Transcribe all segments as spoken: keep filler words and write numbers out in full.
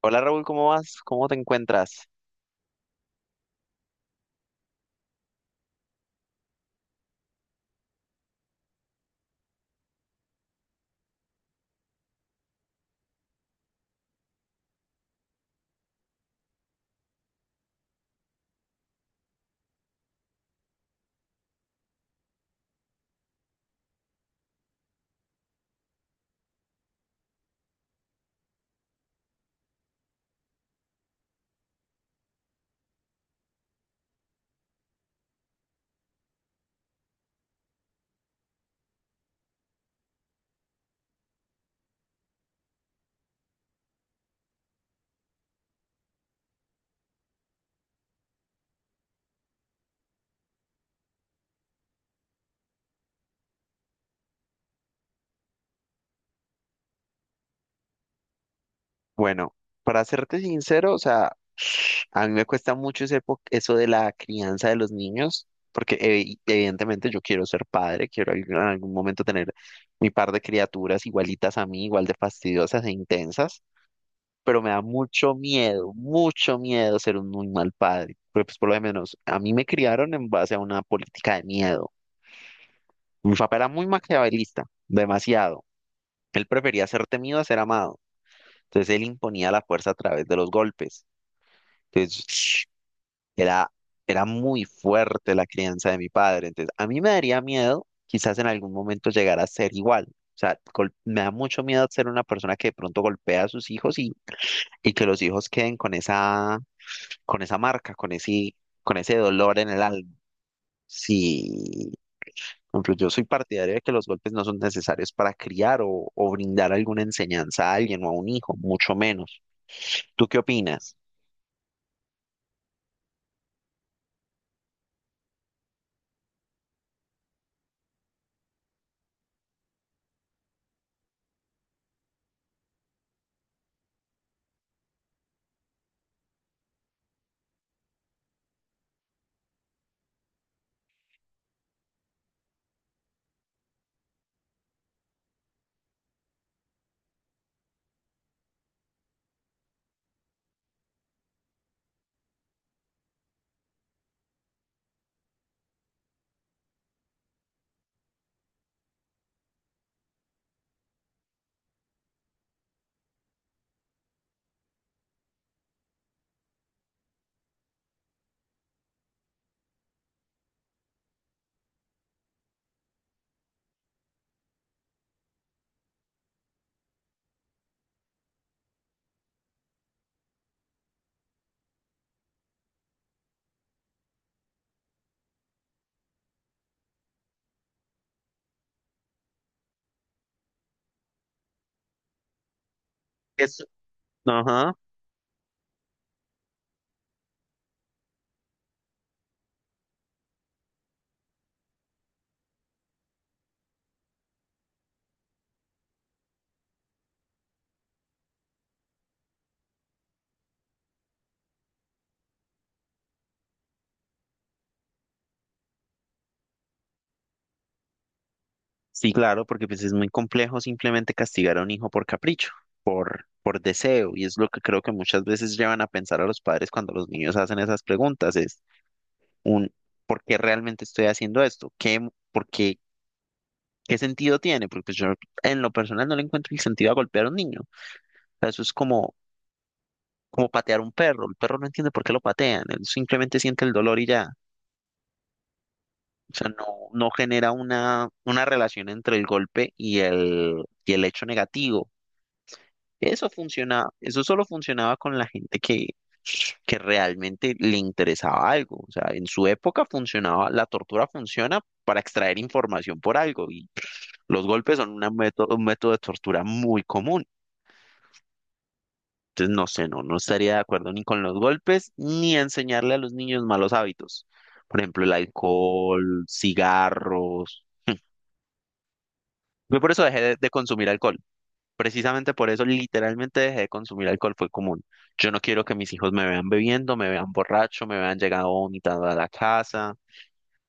Hola Raúl, ¿cómo vas? ¿Cómo te encuentras? Bueno, para serte sincero, o sea, a mí me cuesta mucho ese po- eso de la crianza de los niños, porque evi- evidentemente yo quiero ser padre, quiero al- en algún momento tener mi par de criaturas igualitas a mí, igual de fastidiosas e intensas, pero me da mucho miedo, mucho miedo ser un muy mal padre, porque pues por lo menos a mí me criaron en base a una política de miedo. Mi papá era muy maquiavelista, demasiado. Él prefería ser temido a ser amado. Entonces él imponía la fuerza a través de los golpes. Entonces era, era muy fuerte la crianza de mi padre. Entonces a mí me daría miedo quizás en algún momento llegar a ser igual. O sea, gol- me da mucho miedo ser una persona que de pronto golpea a sus hijos y, y que los hijos queden con esa, con esa marca, con ese, con ese dolor en el alma. Sí, por ejemplo, yo soy partidario de que los golpes no son necesarios para criar o, o brindar alguna enseñanza a alguien o a un hijo, mucho menos. ¿Tú qué opinas? Es- Ajá, sí, claro, porque pues es muy complejo simplemente castigar a un hijo por capricho, por, por deseo, y es lo que creo que muchas veces llevan a pensar a los padres cuando los niños hacen esas preguntas, es un ¿por qué realmente estoy haciendo esto? ¿Qué, por qué, qué sentido tiene? Porque pues yo en lo personal no le encuentro el sentido a golpear a un niño. O sea, eso es como, como patear a un perro. El perro no entiende por qué lo patean, él simplemente siente el dolor y ya. O sea, no, no genera una, una relación entre el golpe y el, y el hecho negativo. Eso funcionaba, eso solo funcionaba con la gente que, que realmente le interesaba algo. O sea, en su época funcionaba, la tortura funciona para extraer información por algo, y los golpes son una método, un método de tortura muy común. Entonces, no sé, no, no estaría de acuerdo ni con los golpes ni enseñarle a los niños malos hábitos. Por ejemplo, el alcohol, cigarros. Yo por eso dejé de de consumir alcohol. Precisamente por eso literalmente dejé de consumir alcohol, fue común. Yo no quiero que mis hijos me vean bebiendo, me vean borracho, me vean llegado vomitado a la casa,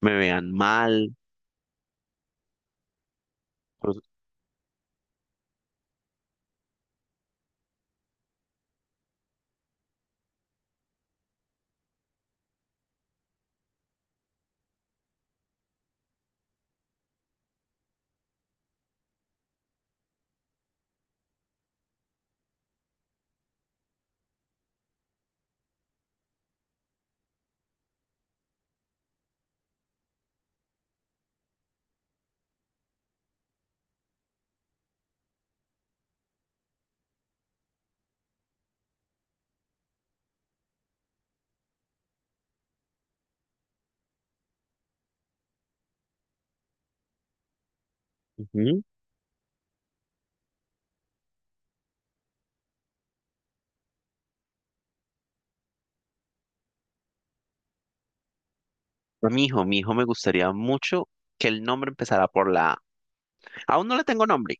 me vean mal. Pues, ujú. A Mi hijo, mi hijo me gustaría mucho que el nombre empezara por la A. Aún no le tengo nombre,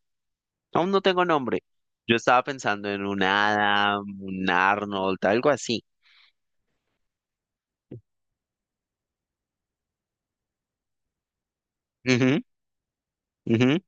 aún no tengo nombre. Yo estaba pensando en un Adam, un Arnold, algo así. Ujú, ujú.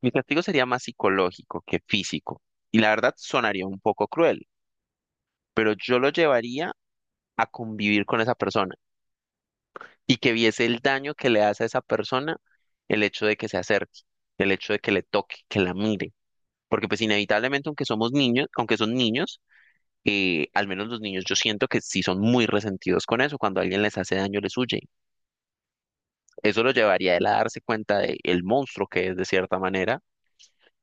Mi castigo sería más psicológico que físico. Y la verdad sonaría un poco cruel, pero yo lo llevaría a convivir con esa persona, y que viese el daño que le hace a esa persona el hecho de que se acerque, el hecho de que le toque, que la mire. Porque pues inevitablemente, aunque somos niños, aunque son niños, eh, al menos los niños yo siento que sí son muy resentidos con eso. Cuando alguien les hace daño, les huye. Eso lo llevaría a él a darse cuenta de el monstruo que es de cierta manera,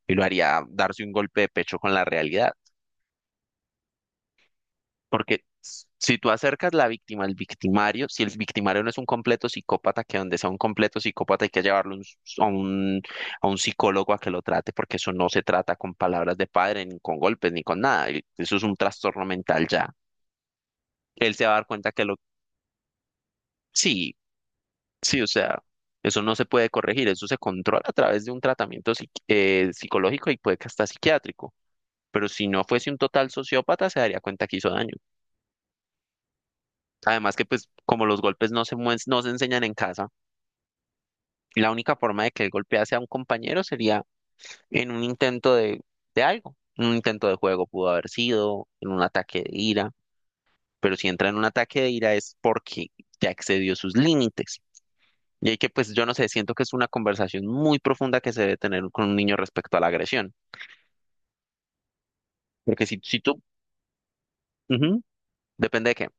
y lo haría darse un golpe de pecho con la realidad. Porque s- si tú acercas la víctima al victimario, si el victimario no es un completo psicópata, que donde sea un completo psicópata hay que llevarlo un s- a un, a un psicólogo a que lo trate, porque eso no se trata con palabras de padre, ni con golpes, ni con nada. el- Eso es un trastorno mental ya. Él se va a dar cuenta que lo... Sí, sí, o sea, eso no se puede corregir, eso se controla a través de un tratamiento psiqui- eh, psicológico, y puede que hasta psiquiátrico. Pero si no fuese un total sociópata, se daría cuenta que hizo daño. Además que pues como los golpes no se mues- no se enseñan en casa. La única forma de que él golpease a un compañero sería en un intento de, de algo, en un intento de juego pudo haber sido, en un ataque de ira, pero si entra en un ataque de ira es porque ya excedió sus límites. Y hay que, pues yo no sé, siento que es una conversación muy profunda que se debe tener con un niño respecto a la agresión. Porque si, si tú, ujú, depende de qué.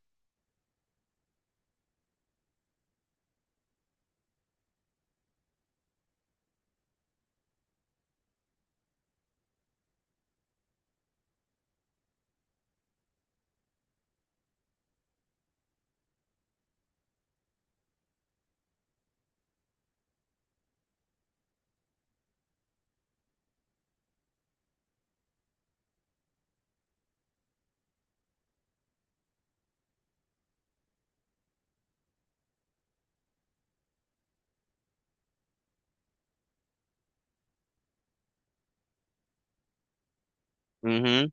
Ujú,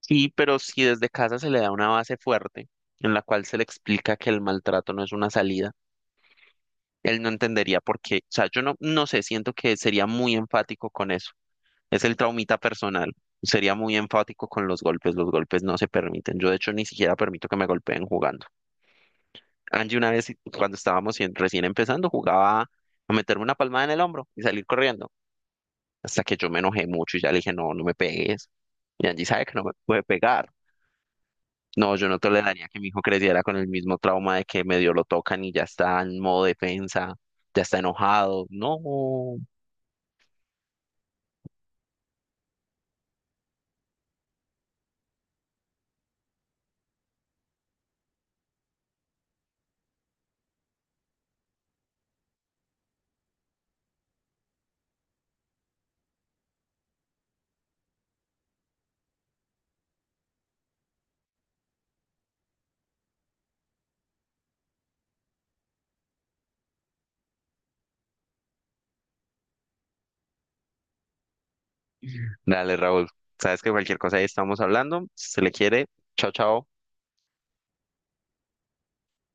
sí, pero si desde casa se le da una base fuerte en la cual se le explica que el maltrato no es una salida, él no entendería por qué. O sea, yo no, no sé, siento que sería muy enfático con eso. Es el traumita personal. Sería muy enfático con los golpes. Los golpes no se permiten. Yo, de hecho, ni siquiera permito que me golpeen jugando. Angie, una vez, cuando estábamos en- recién empezando, jugaba a meterme una palmada en el hombro y salir corriendo. Hasta que yo me enojé mucho y ya le dije, no, no me pegues. Y Angie sabe que no me puede pegar. No, yo no toleraría que mi hijo creciera con el mismo trauma de que medio lo tocan y ya está en modo defensa, ya está enojado. No. Dale, Raúl. Sabes que cualquier cosa ahí estamos hablando. Si se le quiere, chao, chao.